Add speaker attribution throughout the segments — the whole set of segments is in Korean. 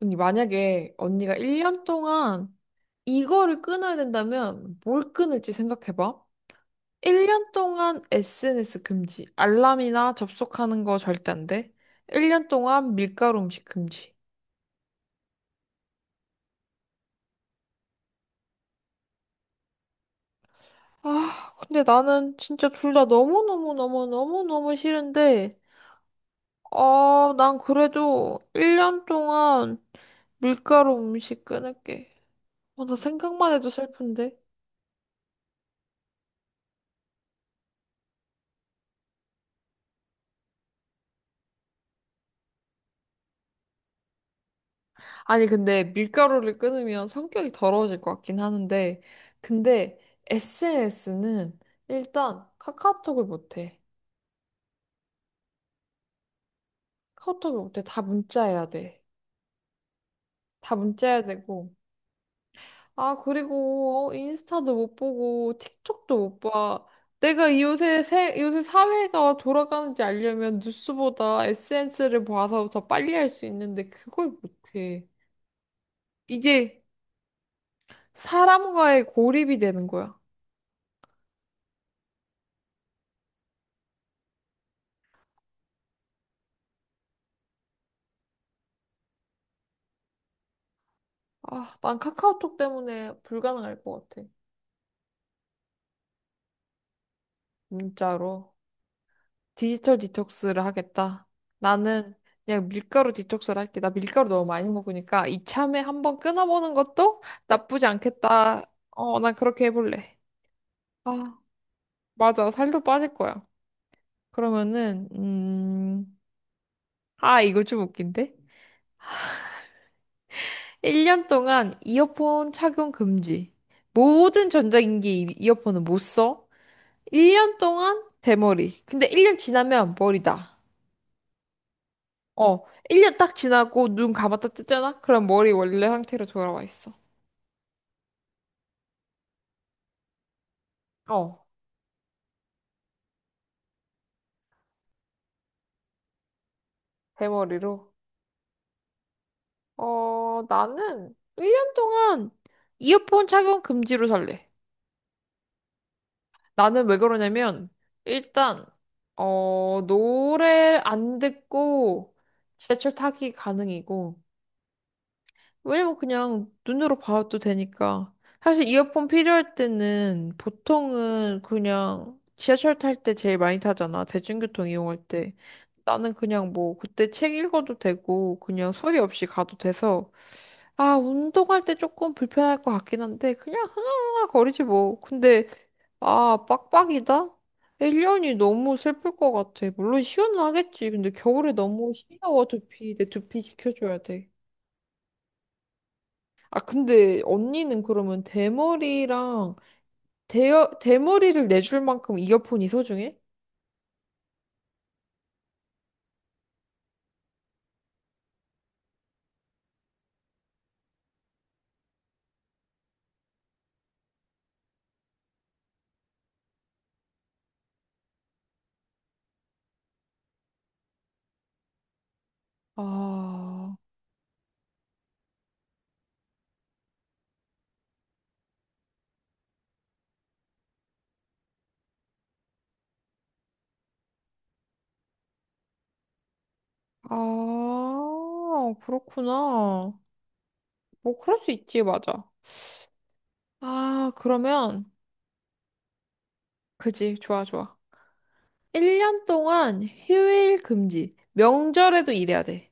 Speaker 1: 언니, 만약에 언니가 1년 동안 이거를 끊어야 된다면 뭘 끊을지 생각해봐. 1년 동안 SNS 금지. 알람이나 접속하는 거 절대 안 돼. 1년 동안 밀가루 음식 금지. 아, 근데 나는 진짜 둘 다 너무너무너무너무너무 싫은데, 아, 난 그래도 1년 동안 밀가루 음식 끊을게. 아, 나 생각만 해도 슬픈데. 아니, 근데 밀가루를 끊으면 성격이 더러워질 것 같긴 하는데, 근데 SNS는 일단 카카오톡을 못 해. 카카오톡을 못 해. 다 문자해야 돼. 다 문자해야 되고. 아, 그리고 인스타도 못 보고, 틱톡도 못 봐. 내가 요새 사회가 돌아가는지 알려면 뉴스보다 SNS를 봐서 더 빨리 할 수 있는데, 그걸 못 해. 이게 사람과의 고립이 되는 거야. 아, 난 카카오톡 때문에 불가능할 것 같아. 진짜로. 디지털 디톡스를 하겠다. 나는 그냥 밀가루 디톡스를 할게. 나 밀가루 너무 많이 먹으니까 이참에 한번 끊어보는 것도 나쁘지 않겠다. 어, 난 그렇게 해볼래. 아, 맞아. 살도 빠질 거야. 그러면은, 아, 이거 좀 웃긴데? 1년 동안 이어폰 착용 금지. 모든 전자기기 이어폰은 못 써. 1년 동안 대머리. 근데 1년 지나면 머리다. 어, 1년 딱 지나고 눈 감았다 떴잖아? 그럼 머리 원래 상태로 돌아와 있어. 어. 대머리로. 어, 나는 1년 동안 이어폰 착용 금지로 살래. 나는 왜 그러냐면, 일단, 어, 노래 안 듣고 지하철 타기 가능이고, 왜냐면 그냥 눈으로 봐도 되니까. 사실 이어폰 필요할 때는 보통은 그냥 지하철 탈 때 제일 많이 타잖아. 대중교통 이용할 때. 나는 그냥 뭐 그때 책 읽어도 되고 그냥 소리 없이 가도 돼서 아 운동할 때 조금 불편할 것 같긴 한데 그냥 흥얼흥얼 거리지 뭐. 근데 아 빡빡이다? 1년이 너무 슬플 것 같아. 물론 시원하겠지. 근데 겨울에 너무 시려워 두피. 내 두피 지켜줘야 돼. 아, 근데 언니는 그러면 대머리랑 대 대머리를 내줄 만큼 이어폰이 소중해? 아, 아, 그렇구나. 뭐, 그럴 수 있지, 맞아. 아, 그러면, 그지, 좋아, 좋아. 1년 동안 휴일 금지. 명절에도 일해야 돼.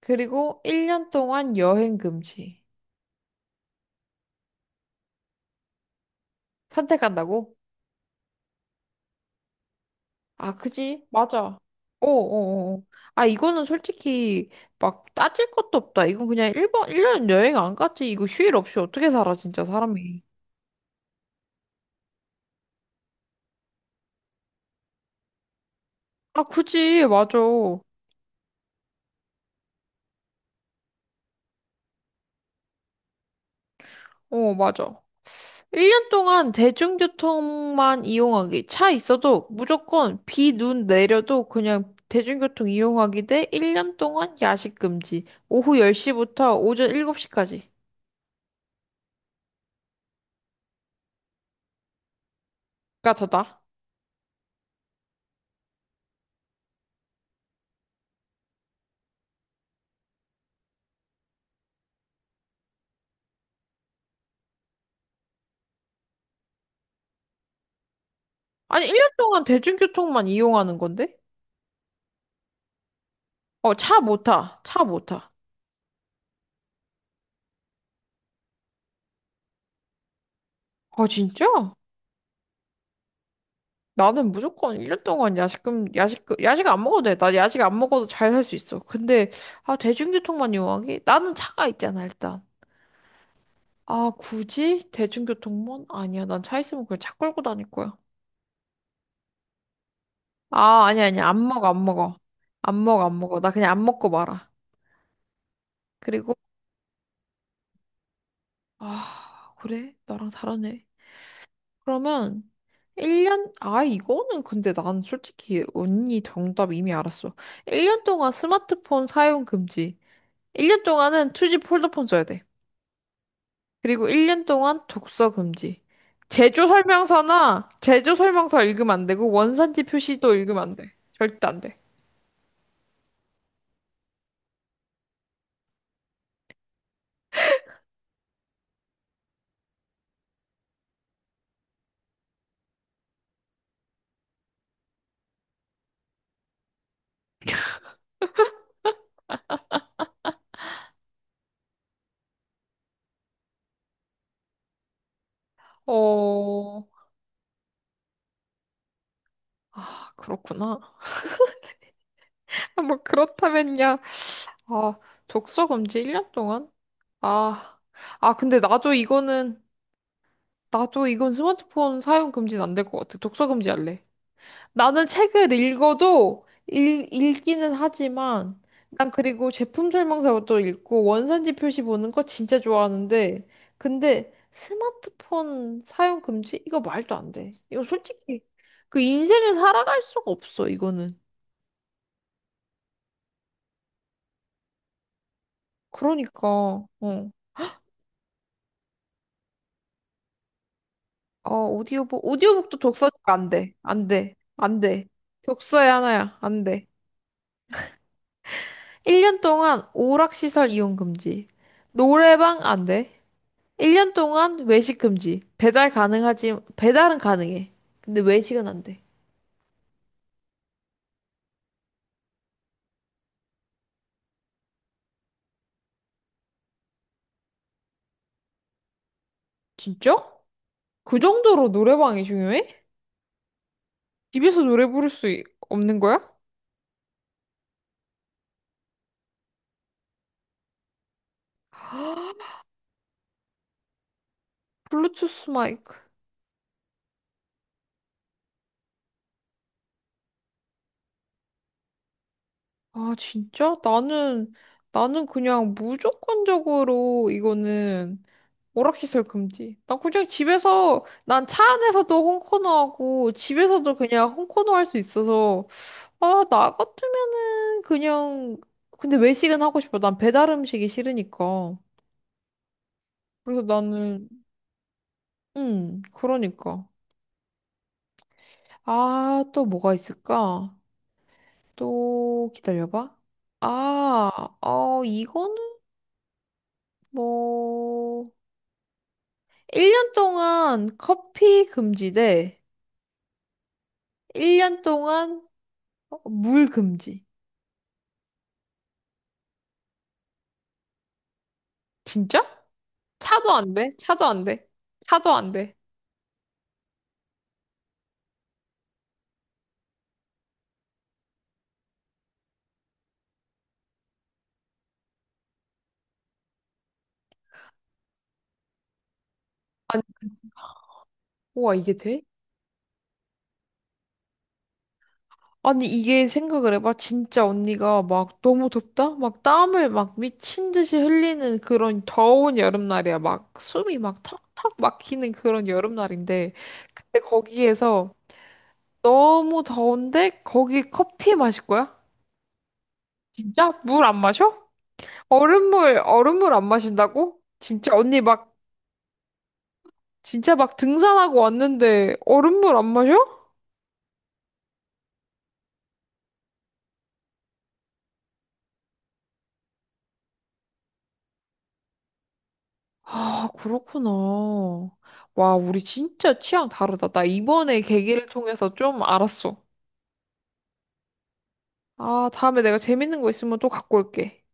Speaker 1: 그리고 1년 동안 여행 금지. 선택한다고? 아, 그지? 맞아. 어, 어. 어. 아, 이거는 솔직히 막 따질 것도 없다. 이건 그냥 일번일년 여행 안 갔지. 이거 휴일 없이 어떻게 살아, 진짜 사람이. 아, 그지? 맞아. 어, 맞아. 1년 동안 대중교통만 이용하기. 차 있어도 무조건 비, 눈 내려도 그냥 대중교통 이용하기 대 1년 동안 야식 금지. 오후 10시부터 오전 7시까지가 더다. 아니, 1년 동안 대중교통만 이용하는 건데? 어, 차 못 타. 차 못 타. 아, 진짜? 나는 무조건 1년 동안 야식 안 먹어도 돼. 나 야식 안 먹어도 잘 살 수 있어. 근데, 아, 대중교통만 이용하기? 나는 차가 있잖아, 일단. 아, 굳이? 대중교통만? 아니야. 난 차 있으면 그냥 차 끌고 다닐 거야. 아, 아니야, 아니야. 안 먹어, 안 먹어. 안 먹어, 안 먹어. 나 그냥 안 먹고 말아. 그리고, 아, 그래? 나랑 다르네. 그러면 1년, 아, 이거는 근데 난 솔직히 언니 정답 이미 알았어. 1년 동안 스마트폰 사용 금지. 1년 동안은 2G 폴더폰 써야 돼. 그리고 1년 동안 독서 금지. 제조 설명서 읽으면 안 되고 원산지 표시도 읽으면 안 돼. 절대 안 돼. 어, 아, 그렇구나. 뭐 그렇다면야. 아, 독서 금지 1년 동안? 아, 아, 근데 나도 이건 스마트폰 사용 금지는 안 될 것 같아. 독서 금지할래. 나는 책을 읽어도 읽기는 하지만 난 그리고 제품 설명서도 읽고 원산지 표시 보는 거 진짜 좋아하는데 근데 스마트폰 사용 금지? 이거 말도 안 돼. 이거 솔직히 그 인생을 살아갈 수가 없어, 이거는. 그러니까 어. 어, 오디오북도 독서가 안 돼. 안 돼. 안 돼. 독서에 하나야. 안 돼. 1년 동안 오락시설 이용 금지. 노래방 안 돼. 1년 동안 외식 금지. 배달 가능하지, 배달은 가능해. 근데 외식은 안 돼. 진짜? 그 정도로 노래방이 중요해? 집에서 노래 부를 수 없는 거야? 블루투스 마이크. 아, 진짜? 나는, 나는 그냥 무조건적으로 이거는 오락시설 금지. 난 그냥 집에서, 난 차 안에서도 홈코너 하고, 집에서도 그냥 홈코너 할 수 있어서, 아, 나 같으면은 그냥 근데 외식은 하고 싶어. 난 배달 음식이 싫으니까. 그래서 나는 그러니까. 아, 또 뭐가 있을까? 또 기다려봐. 이거는 뭐 1년 동안 커피 금지 대 1년 동안 물 금지. 진짜? 차도 안 돼? 차도 안 돼? 차도 안 돼. 아니, 우와, 이게 돼? 아니, 이게 생각을 해봐. 진짜 언니가 막 너무 덥다? 막 땀을 막 미친 듯이 흘리는 그런 더운 여름날이야. 막 숨이 막 턱턱 막히는 그런 여름날인데. 근데 거기에서 너무 더운데 거기 커피 마실 거야? 진짜? 물 안 마셔? 얼음물, 얼음물 안 마신다고? 진짜 언니 막, 진짜 막 등산하고 왔는데 얼음물 안 마셔? 아, 그렇구나. 와, 우리 진짜 취향 다르다. 나 이번에 계기를 통해서 좀 알았어. 아, 다음에 내가 재밌는 거 있으면 또 갖고 올게.